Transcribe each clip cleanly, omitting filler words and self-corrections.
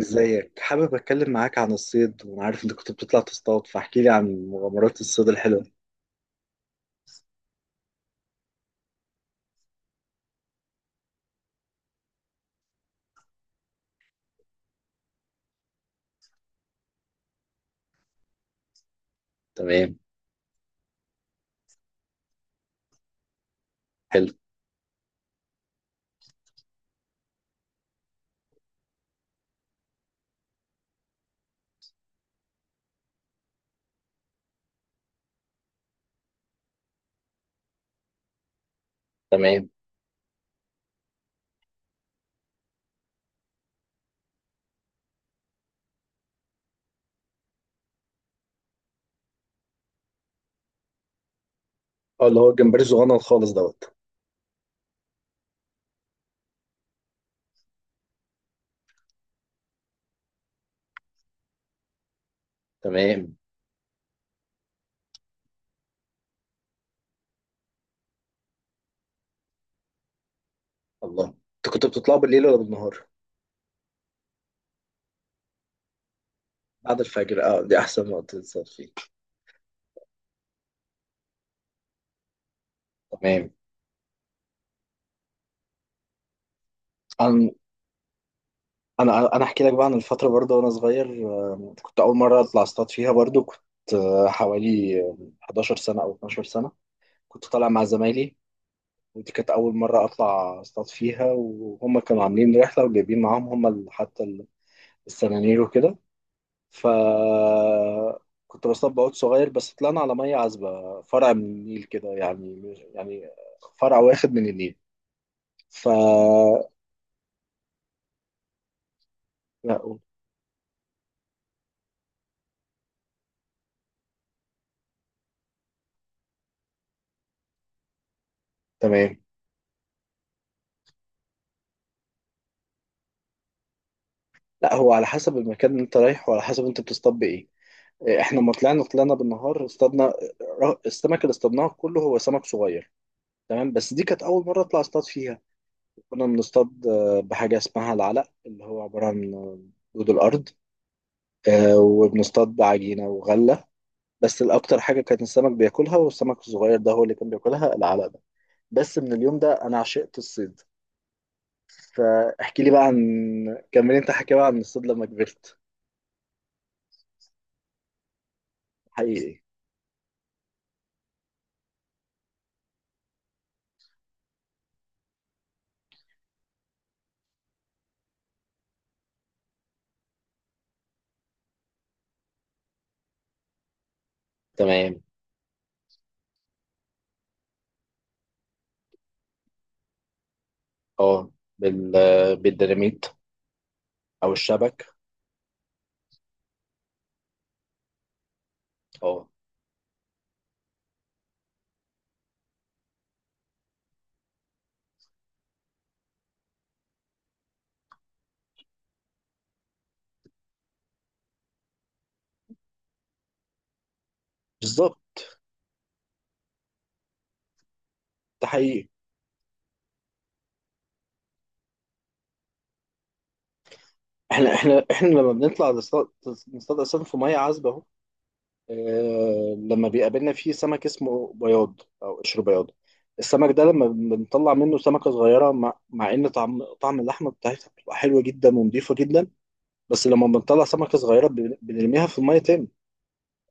ازيك؟ حابب اتكلم معاك عن الصيد، وانا عارف انت كنت بتطلع تصطاد، فاحكي لي عن مغامرات الصيد الحلوه. تمام. حلو. تمام. اه، اللي هو الجمبري الصغنن خالص دوت. تمام. الله. انت كنت بتطلع بالليل ولا بالنهار؟ بعد الفجر. اه، دي احسن وقت تصطاد فيه. تمام. انا انا احكي لك بقى عن الفتره، برضه وانا صغير، كنت اول مره اطلع اصطاد فيها، برضه كنت حوالي 11 سنه او 12 سنه، كنت طالع مع زمايلي. ودي كانت أول مرة أطلع أصطاد فيها، وهم كانوا عاملين رحلة وجايبين معاهم حتى السنانير وكده. ف كنت بصطاد بعود صغير، بس طلعنا على مية عذبة، فرع من النيل كده، يعني يعني فرع واخد من النيل. ف لا، قول. تمام. لا، هو على حسب المكان اللي انت رايح، وعلى حسب انت بتصطاد بايه. إيه، احنا ما طلعنا طلعنا بالنهار، اصطادنا السمك اللي اصطادناه كله هو سمك صغير. تمام، بس دي كانت اول مره اطلع اصطاد فيها. كنا بنصطاد بحاجة اسمها العلق، اللي هو عبارة عن دود الأرض. وبنصطاد بعجينة وغلة. بس الأكتر حاجة كان السمك بياكلها، والسمك الصغير ده هو اللي كان بياكلها العلق ده. بس من اليوم ده أنا عشقت الصيد. فاحكي لي بقى عن، كمل أنت، حكي بقى عن الصيد لما كبرت. حقيقي. تمام. اه، بال بالديناميت او الشبك. اه. بالظبط. ده حقيقي. احنا لما بنطلع نصطاد، نصطاد أساسا في مية عذبة أهو. لما بيقابلنا فيه سمك اسمه بياض او قشر بياض، السمك ده لما بنطلع منه سمكة صغيرة، مع ان طعم اللحمة بتاعتها بتبقى حلوة جدا ونضيفة جدا، بس لما بنطلع سمكة صغيرة بنرميها في المية تاني.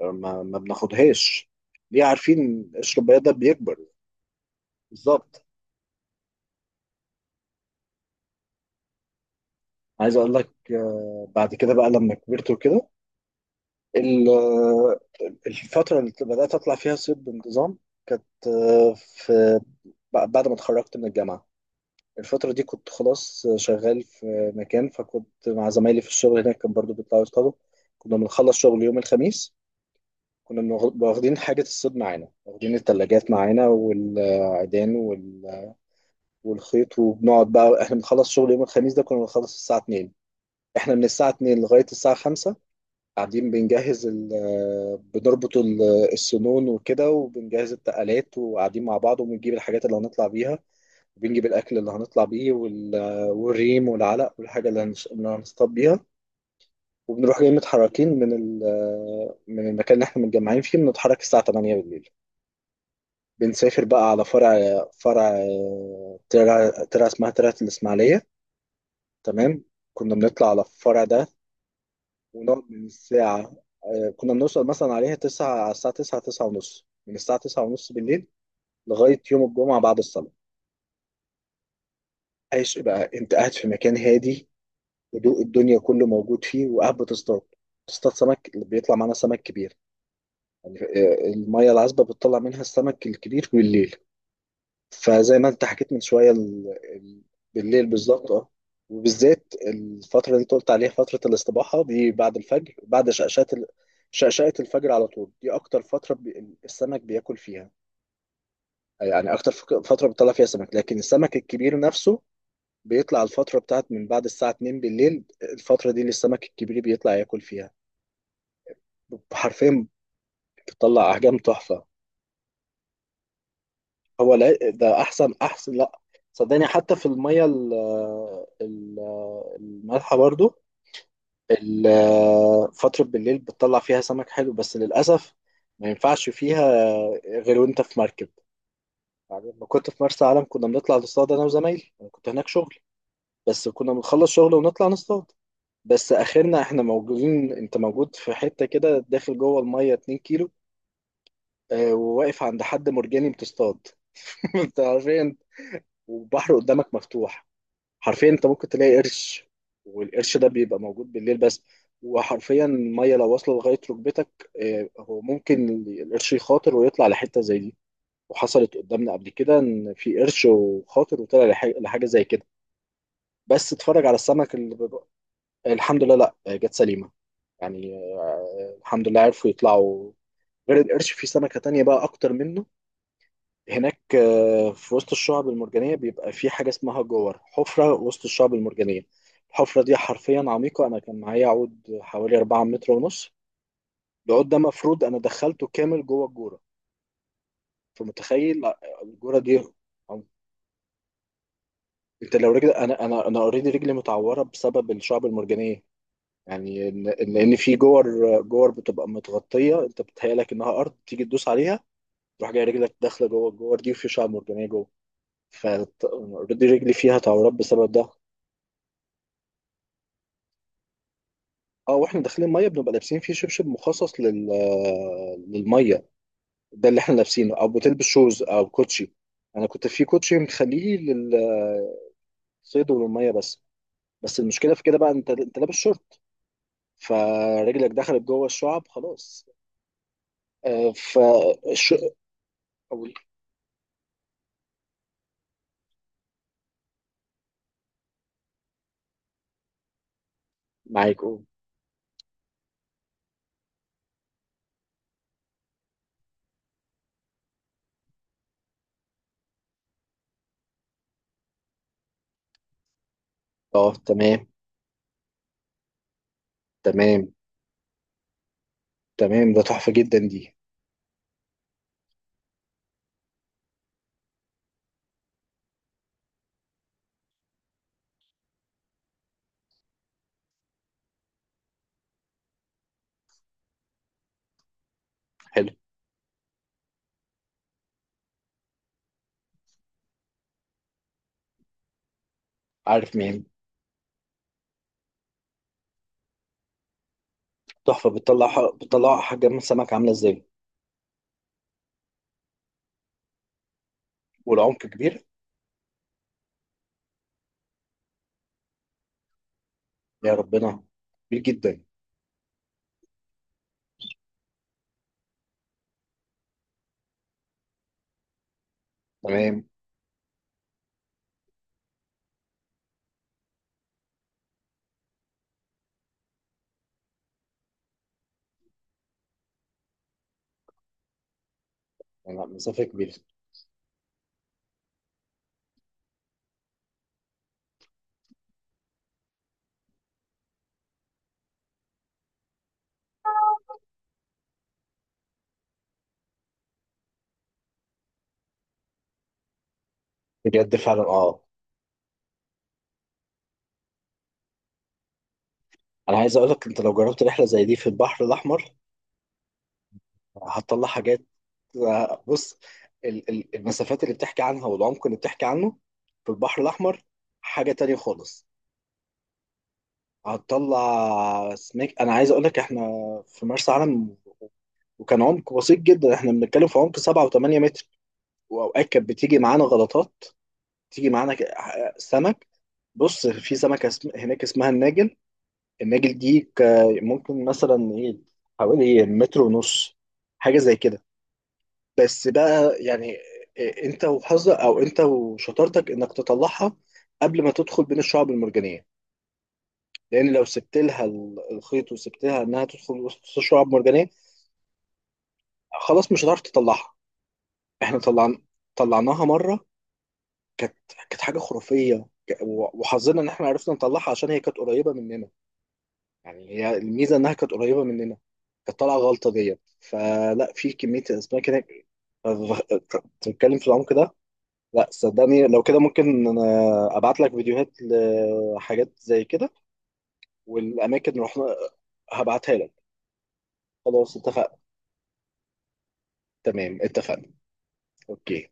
ما بناخدهاش. ليه؟ عارفين قشر البياض ده بيكبر. بالظبط. عايز اقول لك، بعد كده بقى لما كبرت وكده، ال- آه، الفترة اللي بدأت اطلع فيها صيد بانتظام كانت بعد ما اتخرجت من الجامعة. الفترة دي كنت خلاص شغال في مكان، فكنت مع زمايلي في الشغل، هناك كان برضو بيطلعوا يصطادوا. كنا بنخلص شغل يوم الخميس، كنا واخدين حاجة الصيد معانا، واخدين التلاجات معانا والعيدان والخيط، وبنقعد بقى. احنا بنخلص شغل يوم الخميس ده كنا بنخلص الساعة 2، احنا من الساعة 2 لغاية الساعة 5 قاعدين بنجهز بنربط السنون وكده، وبنجهز التقالات، وقاعدين مع بعض، وبنجيب الحاجات اللي هنطلع بيها، وبنجيب الاكل اللي هنطلع بيه والريم والعلق والحاجه اللي هنصطاد بيها. وبنروح جاي متحركين من المكان اللي احنا متجمعين فيه، بنتحرك الساعه 8 بالليل، بنسافر بقى على فرع فرع ترع ترع اسمها ترعة الاسماعيليه. تمام. كنا بنطلع على الفرع ده ونقعد من الساعه، كنا بنوصل مثلا عليها 9، على الساعه 9، 9 ونص، من الساعه 9 ونص بالليل لغايه يوم الجمعه بعد الصلاه. عايش بقى، انت قاعد في مكان هادي، هدوء الدنيا كله موجود فيه، وقاعد بتصطاد. تصطاد سمك، اللي بيطلع معانا سمك كبير، يعني المية العذبة بتطلع منها السمك الكبير بالليل. فزي ما انت حكيت من شوية، ال... بالليل، بالظبط. اه. وبالذات الفترة اللي انت قلت عليها، فترة الاستباحة دي بعد الفجر، بعد شقشقة شقشقة الفجر على طول، دي أكتر فترة السمك بياكل فيها، يعني أكتر فترة بيطلع فيها سمك. لكن السمك الكبير نفسه بيطلع الفترة بتاعت من بعد الساعة 2 بالليل، الفترة دي اللي السمك الكبير بيطلع ياكل فيها حرفيا. بتطلع احجام تحفه. هو لا، ده احسن، احسن. لا صدقني، حتى في الميه ال- المالحه برضو، فتره بالليل بتطلع فيها سمك حلو، بس للاسف ما ينفعش فيها غير وانت في مركب. يعني لما كنت في مرسى علم كنا بنطلع نصطاد، انا وزمايلي، انا كنت هناك شغل، بس كنا بنخلص شغل ونطلع نصطاد. بس اخرنا احنا موجودين، انت موجود في حته كده، داخل جوه الميه 2 كيلو، وواقف عند حد مرجاني بتصطاد. انت عارفين، والبحر قدامك مفتوح، حرفيا انت ممكن تلاقي قرش، والقرش ده بيبقى موجود بالليل بس. وحرفيا الميه لو واصله لغايه ركبتك، اه، هو ممكن القرش يخاطر ويطلع لحته زي دي. وحصلت قدامنا قبل كده ان في قرش، وخاطر وطلع لحاجه زي كده، بس اتفرج على السمك اللي بيبقى. الحمد لله، لا، اه، جت سليمه، يعني، اه، الحمد لله عرفوا يطلعوا. غير القرش، في سمكه تانية بقى اكتر منه هناك، في وسط الشعب المرجانية بيبقى في حاجة اسمها جور، حفرة وسط الشعب المرجانية. الحفرة دي حرفيا عميقة، أنا كان معايا عود حوالي 4 متر ونص، العود ده مفروض أنا دخلته كامل جوه الجورة، فمتخيل. الجورة دي، عم- أنت لو رجل، أنا أوريدي رجلي متعورة بسبب الشعب المرجانية. يعني لأن في جور، جور بتبقى متغطية، أنت بتهيألك إنها أرض، تيجي تدوس عليها تروح جاي رجلك داخلة جوه الجور دي، وفي شعب مرجانية جوه، فاوريدي رجلي فيها تعورات بسبب ده. اه، واحنا داخلين ميه بنبقى لابسين فيه شبشب مخصص للميه، ده اللي احنا لابسينه، او بتلبس شوز او كوتشي. انا كنت في كوتشي مخليه للصيد والميه بس. بس المشكله في كده بقى، انت لابس شورت، فرجلك دخلت جوه الشعب خلاص. آه، ف الش- أقول. معاك، قول. اه، تمام، تمام، تمام، ده تحفه جدا دي. حلو. عارف مين. تحفه. بتطلع احجام السمك عامله ازاي؟ والعمق كبير؟ يا ربنا، كبير جدا. تمام. انا، مسافه كبيره. بجد فعلا، اه. انا عايز اقول لك، انت لو جربت رحله زي دي في البحر الاحمر، هتطلع حاجات. بص، المسافات اللي بتحكي عنها والعمق اللي بتحكي عنه في البحر الاحمر حاجه تانية خالص. هتطلع سمك، انا عايز اقول لك احنا في مرسى علم، وكان عمق بسيط جدا، احنا بنتكلم في عمق 7 و8 متر، واوقات كانت بتيجي معانا غلطات، تيجي معانا سمك. بص، في سمكه هناك اسمها الناجل، النجل دي ممكن مثلا ايه، حوالي متر ونص، حاجه زي كده. بس بقى يعني، إيه، انت وحظك او انت وشطارتك انك تطلعها قبل ما تدخل بين الشعب المرجانيه، لان لو سبت لها الخيط، وسبت لها انها تدخل وسط الشعب المرجانيه خلاص مش هتعرف تطلعها. احنا طلعنا، طلعناها مره، كانت كانت حاجه خرافيه، وحظنا ان احنا عرفنا نطلعها عشان هي كانت قريبه مننا، يعني هي الميزه انها كانت قريبه مننا. كانت طالعه غلطه ديت، فلا، في كميه الاسماك هناك تتكلم في العمق ده. لا صدقني، لو كده ممكن انا ابعت لك فيديوهات لحاجات زي كده، والاماكن اللي رحنا هبعتها لك. خلاص، اتفقنا. تمام، اتفقنا. اوكي.